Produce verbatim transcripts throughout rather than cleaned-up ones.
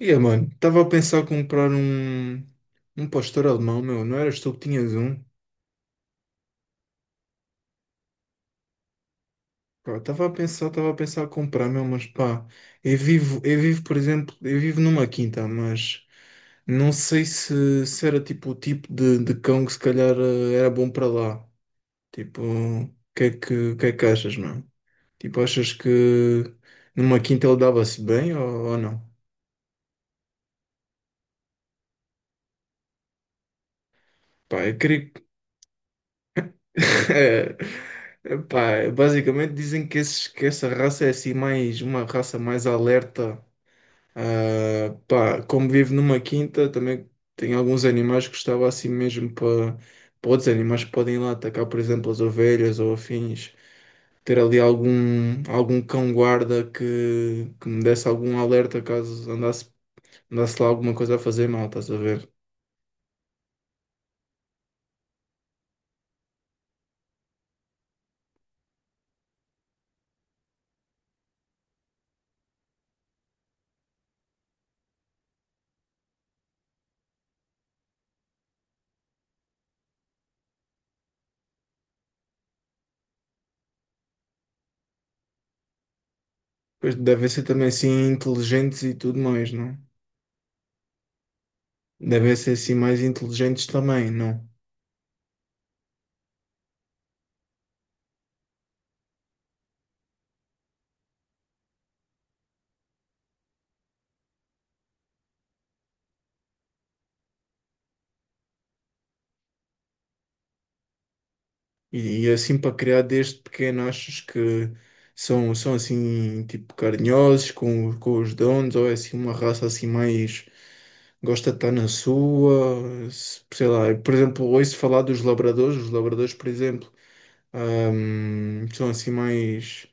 E yeah, mano, estava a pensar comprar um, um pastor alemão, meu. Não eras tu que tinhas um? Estava a pensar, estava a pensar comprar, meu, mas pá, eu vivo, eu vivo, por exemplo, eu vivo numa quinta, mas não sei se, se era tipo o tipo de, de cão que se calhar eh, era bom para lá. Tipo, o que é que, o que é que achas, mano? Tipo, achas que numa quinta ele dava-se bem ou, ou não? Pá, eu queria. Epá, basicamente dizem que, esses- que essa raça é assim mais uma raça mais alerta. Ah, pá, como vivo numa quinta, também tem alguns animais que estava assim mesmo para para outros animais que podem ir lá atacar, por exemplo, as ovelhas ou afins. Ter ali algum, algum cão-guarda que, que me desse algum alerta caso andasse, andasse lá alguma coisa a fazer mal, estás a ver? Pois devem ser também assim inteligentes e tudo mais, não? É? Devem ser assim mais inteligentes também, não? E, e assim para criar desde pequeno, achas que são, são assim tipo carinhosos com, com os donos, ou é assim uma raça assim mais, gosta de estar na sua, se- sei lá, por exemplo, ouço falar dos labradores, os labradores, por exemplo, ahm, são assim mais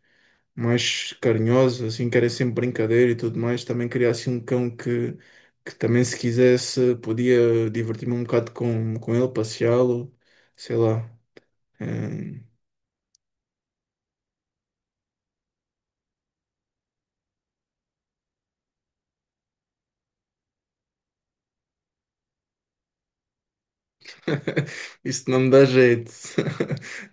mais carinhosos, assim, que sempre brincadeira e tudo mais. Também queria assim um cão que, que também, se quisesse, podia divertir-me um bocado com, com ele, passeá-lo, sei lá. Hum. Isso não me dá jeito.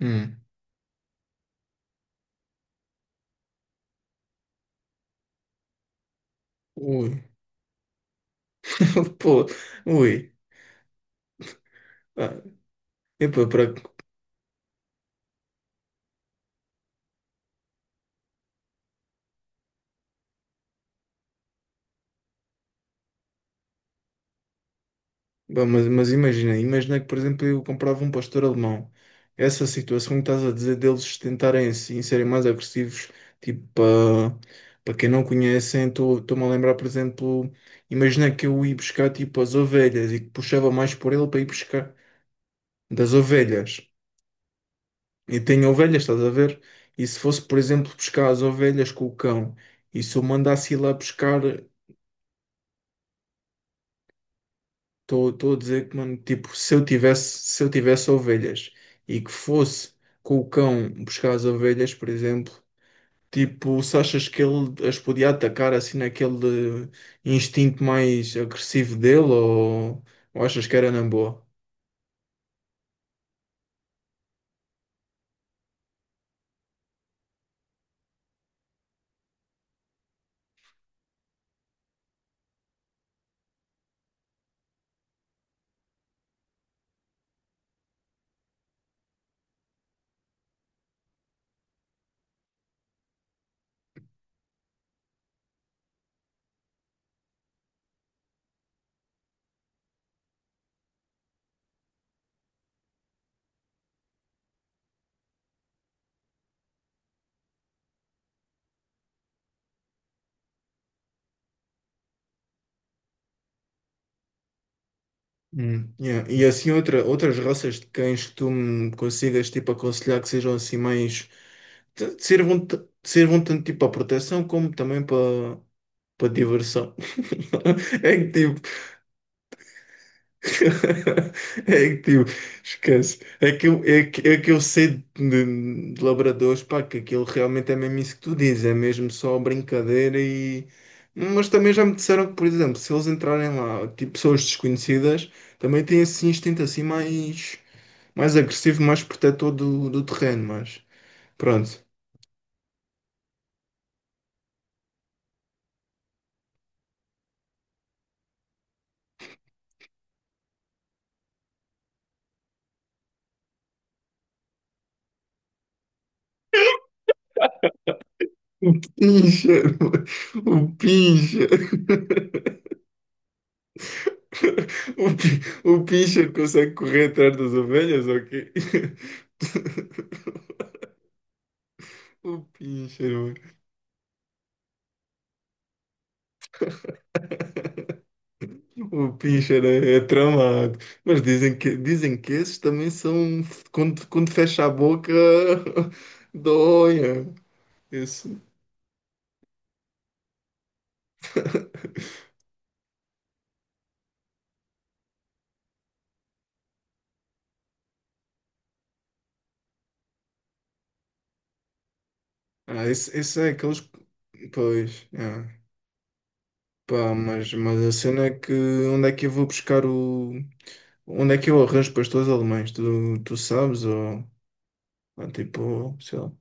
Hum. Ui, pô, ui. Ah, epá, bah, Mas, mas, imagina, imagina que, por exemplo, eu comprava um pastor alemão. Essa situação que estás a dizer deles tentarem assim serem mais agressivos, tipo, para para quem não conhecem, estou- estou-me a lembrar, por exemplo, imagina que eu ia buscar tipo as ovelhas e que puxava mais por ele para ir buscar das ovelhas. E tenho ovelhas, estás a ver? E se fosse, por exemplo, buscar as ovelhas com o cão, e se eu mandasse ir lá buscar. Estou a dizer que, mano, tipo, se eu tivesse, se eu tivesse ovelhas e que fosse com o cão buscar as ovelhas, por exemplo, tipo, se achas que ele as podia atacar assim naquele instinto mais agressivo dele, ou, ou achas que era na boa? Hum, yeah. E assim outra, outras raças de cães que tu me consigas tipo aconselhar que sejam assim mais, te- te sirvam, t- te sirvam tanto tipo para proteção como também para para diversão. É que tipo, é que tipo, esquece. É que eu, é que, é que eu sei de, de labradores, pá, que aquilo realmente é mesmo isso que tu dizes, é mesmo só brincadeira e. Mas também já me disseram que, por exemplo, se eles entrarem lá, tipo pessoas desconhecidas, também têm esse instinto assim mais, mais agressivo, mais protetor do, do terreno, mas pronto. O pincha, o pincha. O, pi- o pincher consegue correr atrás das ovelhas, ok? O pincher, mano. O pincher é, é tramado. Mas dizem que, dizem que esses também são. Quando, quando fecha a boca, doia. Esse, ah, esse, esse é aqueles. Pois, é. Pá, mas, mas a cena é que onde é que eu vou buscar o. Onde é que eu arranjo pastores alemães? Tu, tu sabes? Ou, ou tipo, sei lá.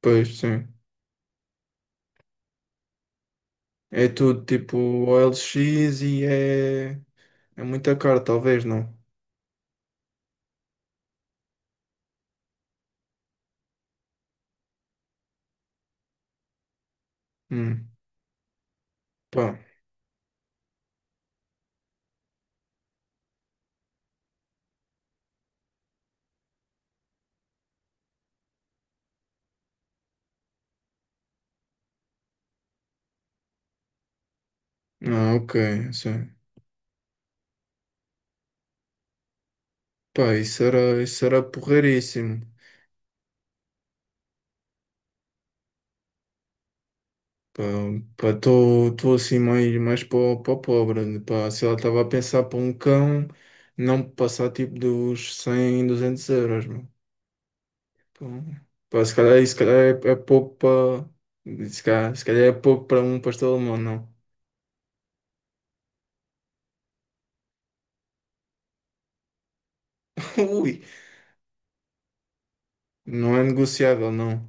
Pois, sim. É tudo tipo O L X e é, é muito caro, talvez, não? Hum, pá. Ah, ok. Sim. Pá, isso era, isso era porreiríssimo. Pá, pá, estou assim mais, mais para o pobre. Pá, se ela estava a pensar para um cão, não passar tipo dos cem, duzentos euros, meu. Pá, pá, se calhar, se calhar é, é pouco para. Se calhar, se calhar é pouco para um pastor alemão, não. Ui, não é negociável, não.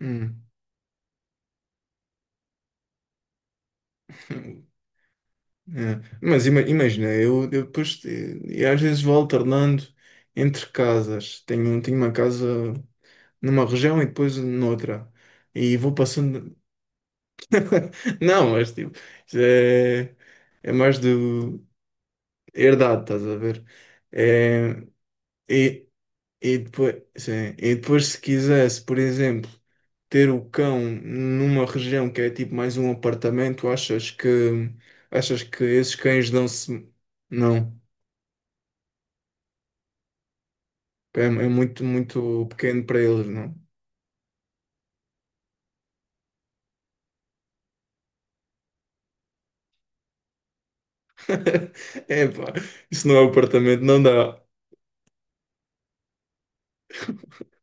Hum. É, mas ima- imagina, eu, eu depois, eh, eu às vezes vou alternando entre casas. Tenho, tenho uma casa numa região e depois noutra. E vou passando. Não, mas tipo, isso é, é mais do herdado, estás a ver? É, e, e depois, sim, e depois, se quisesse, por exemplo, ter o cão numa região que é tipo mais um apartamento, achas que achas que esses cães dão-se. Não. É, é, muito, muito pequeno para eles, não? Epá, isso não é um apartamento, não dá.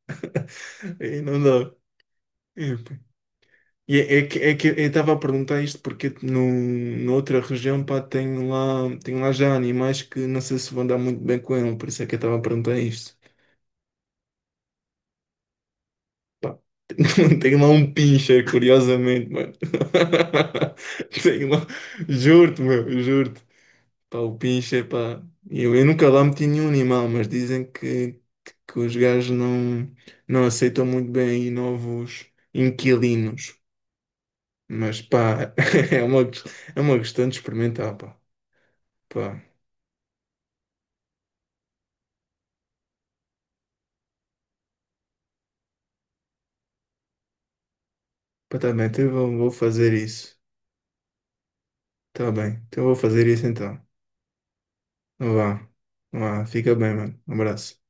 Aí não dá. Epá. E é, é que, é que eu estava a perguntar isto porque no, noutra região, pá, tem lá, tem lá já animais que não sei se vão dar muito bem com ele, por isso é que eu estava a perguntar isto. Pá, tem lá um pincher, curiosamente, mano. Tem lá, juro-te, meu, juro. Pá, o pinche, pá, eu, eu nunca lá meti nenhum animal, mas dizem que, que, que os gajos não, não aceitam muito bem aí novos inquilinos. Mas pá, é uma, ques- é uma questão de experimentar, pá. Pá, pá, tá bem, então eu vou, vou fazer isso. Tá bem, então eu vou fazer isso então. Então vá, vá, fica bem, mano. Um abraço.